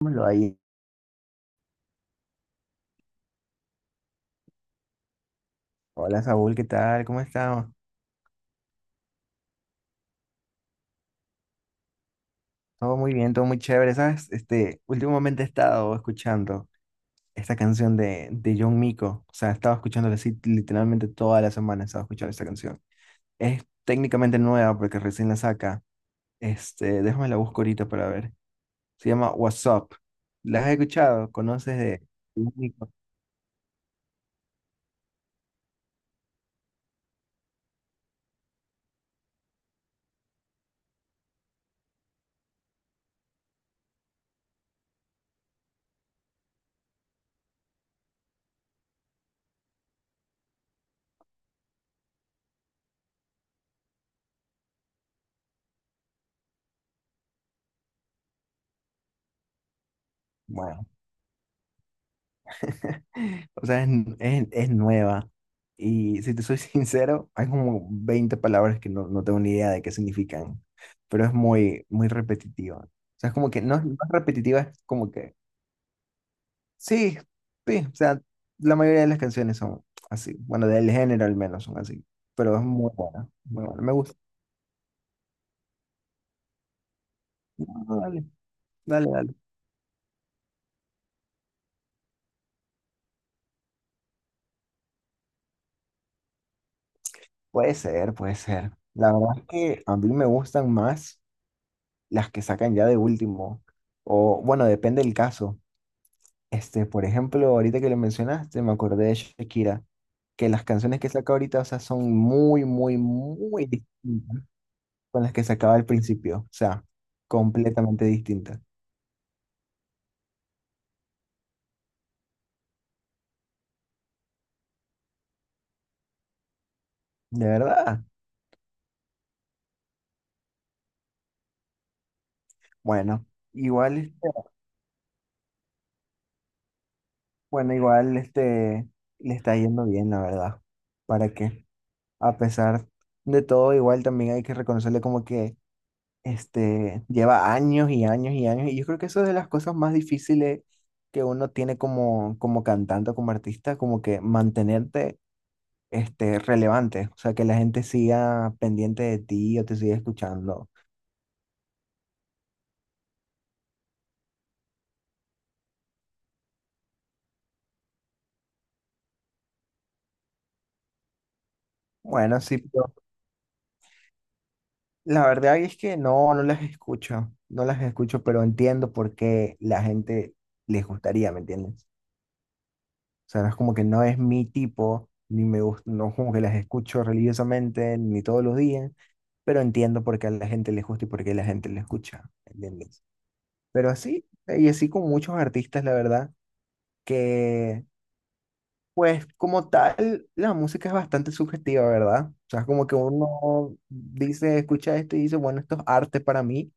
Lo ahí. Hola Saúl, ¿qué tal? ¿Cómo estamos? Todo muy bien, todo muy chévere, ¿sabes? Este, últimamente he estado escuchando esta canción de John Mico, o sea, he estado escuchándola así literalmente toda la semana, he estado escuchando esta canción. Es técnicamente nueva porque recién la saca, este, déjame la busco ahorita para ver. Se llama What's Up. ¿La has escuchado? ¿Conoces de John Mico? Bueno, o sea, es nueva. Y si te soy sincero, hay como 20 palabras que no, no tengo ni idea de qué significan, pero es muy, muy repetitiva. O sea, es como que no, es no es repetitiva, es como que sí, sí, o sea, la mayoría de las canciones son así. Bueno, del género al menos son así, pero es muy buena, muy buena. Me gusta. Ah, dale, dale, dale. Puede ser, puede ser. La verdad es que a mí me gustan más las que sacan ya de último, o bueno, depende del caso. Este, por ejemplo, ahorita que lo mencionaste, me acordé de Shakira, que las canciones que saca ahorita, o sea, son muy, muy, muy distintas con las que sacaba al principio, o sea, completamente distintas. De verdad. Bueno, igual, este, bueno, igual este, le está yendo bien, la verdad. ¿Para qué? A pesar de todo, igual también hay que reconocerle como que este, lleva años y años y años, y yo creo que eso es de las cosas más difíciles que uno tiene como cantante o como artista, como que mantenerte, este, relevante, o sea, que la gente siga pendiente de ti o te siga escuchando. Bueno, sí, pero la verdad es que no, no las escucho, no las escucho, pero entiendo por qué la gente les gustaría, ¿me entiendes? O sea, no es como que no es mi tipo, ni me gusta, no es como que las escucho religiosamente, ni todos los días, pero entiendo por qué a la gente le gusta y por qué la gente le escucha, ¿entiendes? Pero así, y así con muchos artistas, la verdad, que pues como tal, la música es bastante subjetiva, ¿verdad? O sea, es como que uno dice, escucha esto y dice, bueno, esto es arte para mí,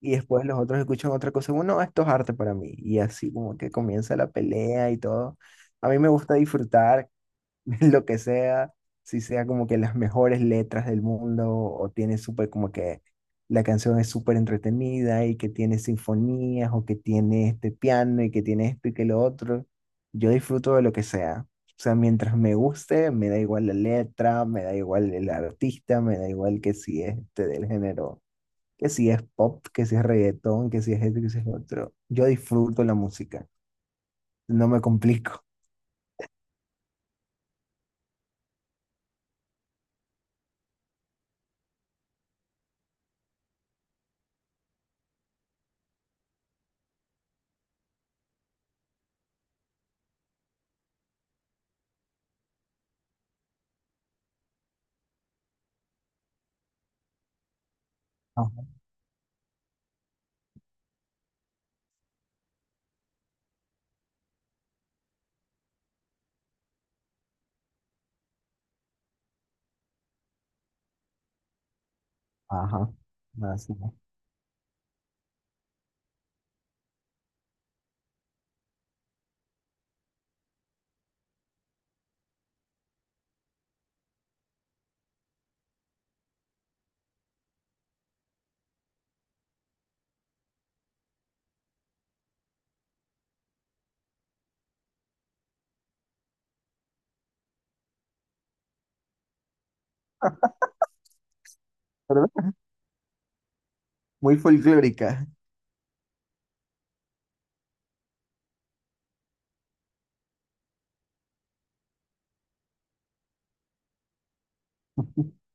y después los otros escuchan otra cosa, bueno, esto es arte para mí, y así como que comienza la pelea y todo. A mí me gusta disfrutar lo que sea, si sea como que las mejores letras del mundo o tiene súper como que la canción es súper entretenida y que tiene sinfonías o que tiene este piano y que tiene esto y que lo otro, yo disfruto de lo que sea. O sea, mientras me guste, me da igual la letra, me da igual el artista, me da igual que si es este del género, que si es pop, que si es reggaetón, que si es este, que si es lo otro. Yo disfruto la música, no me complico. Ajá. Ajá. Así es. Pero muy folclórica.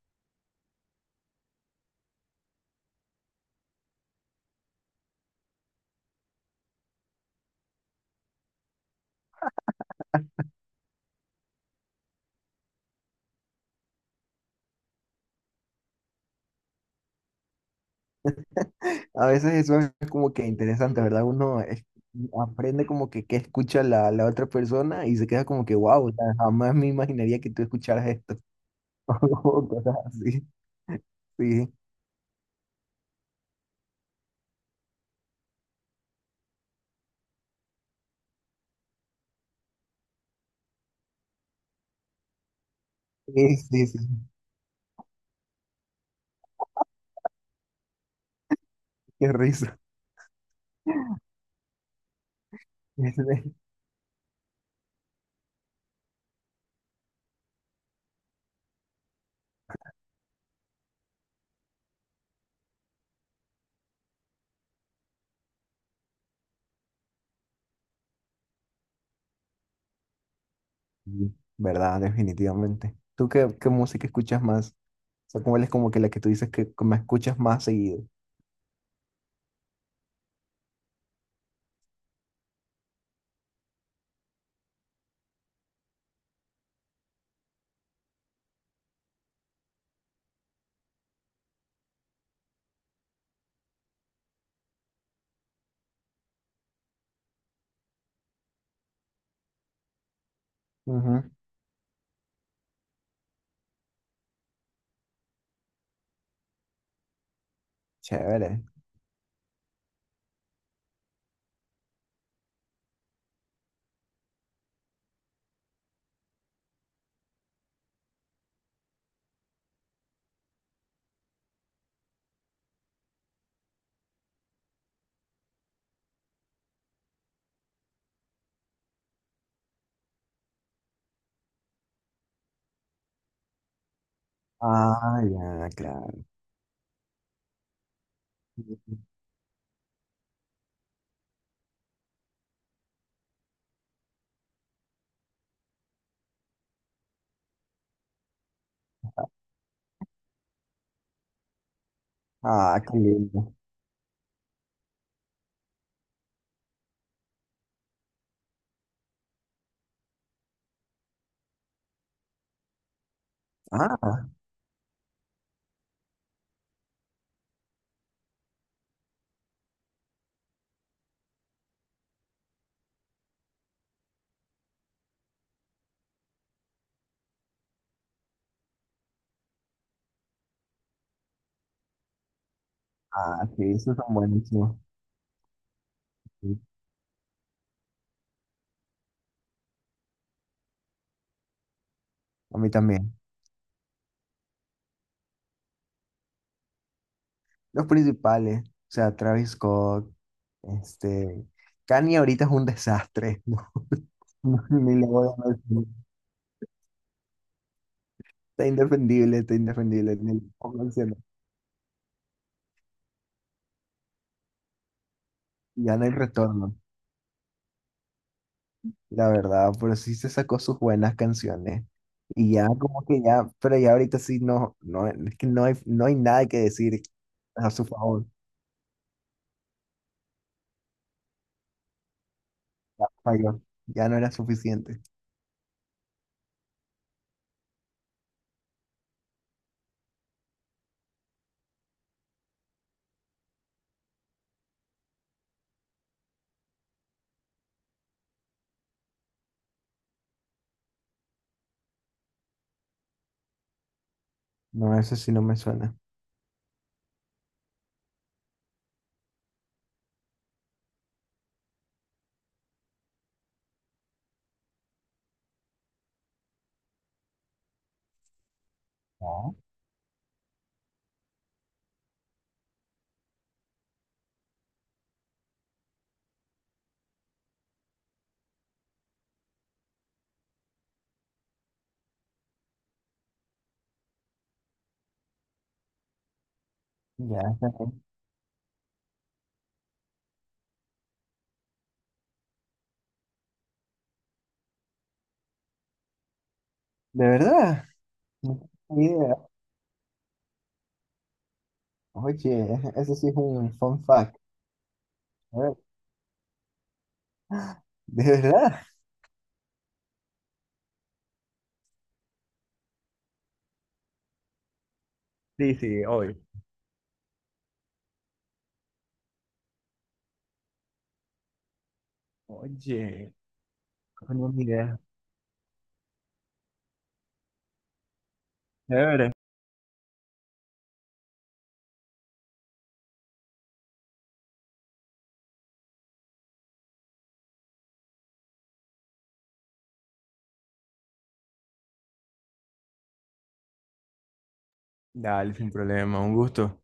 A veces eso es como que interesante, ¿verdad? Uno aprende como que qué escucha la otra persona y se queda como que, wow, jamás me imaginaría que tú escucharas esto. O cosas así. Sí, sí, sí, sí. Qué risa. Sí, ¿verdad? Definitivamente. ¿Tú qué música escuchas más? O sea, ¿cuál es como que la que tú dices que me escuchas más seguido? Ujú. Chévere. Ah, ya, claro. Ah, qué lindo. Ah, ah, sí, esos son buenísimos. Sí, a mí también. Los principales, o sea, Travis Scott, este, Kanye ahorita es un desastre, ¿no? No, ni le voy a mencionar. Está indefendible, ni le puedo mencionar. Ya no hay retorno, la verdad, pero sí se sacó sus buenas canciones. Y ya como que ya, pero ya ahorita sí no, no, es que no hay nada que decir a su favor. Falló. Ya no era suficiente. No, eso sí no me suena. No. Ya. De verdad, no tenía idea. Oye, eso sí es un fun fact. A ver, ¿de verdad? Sí, sí, hoy. Oye, no tenía ni idea. De verdad. Dale, sin problema, un gusto.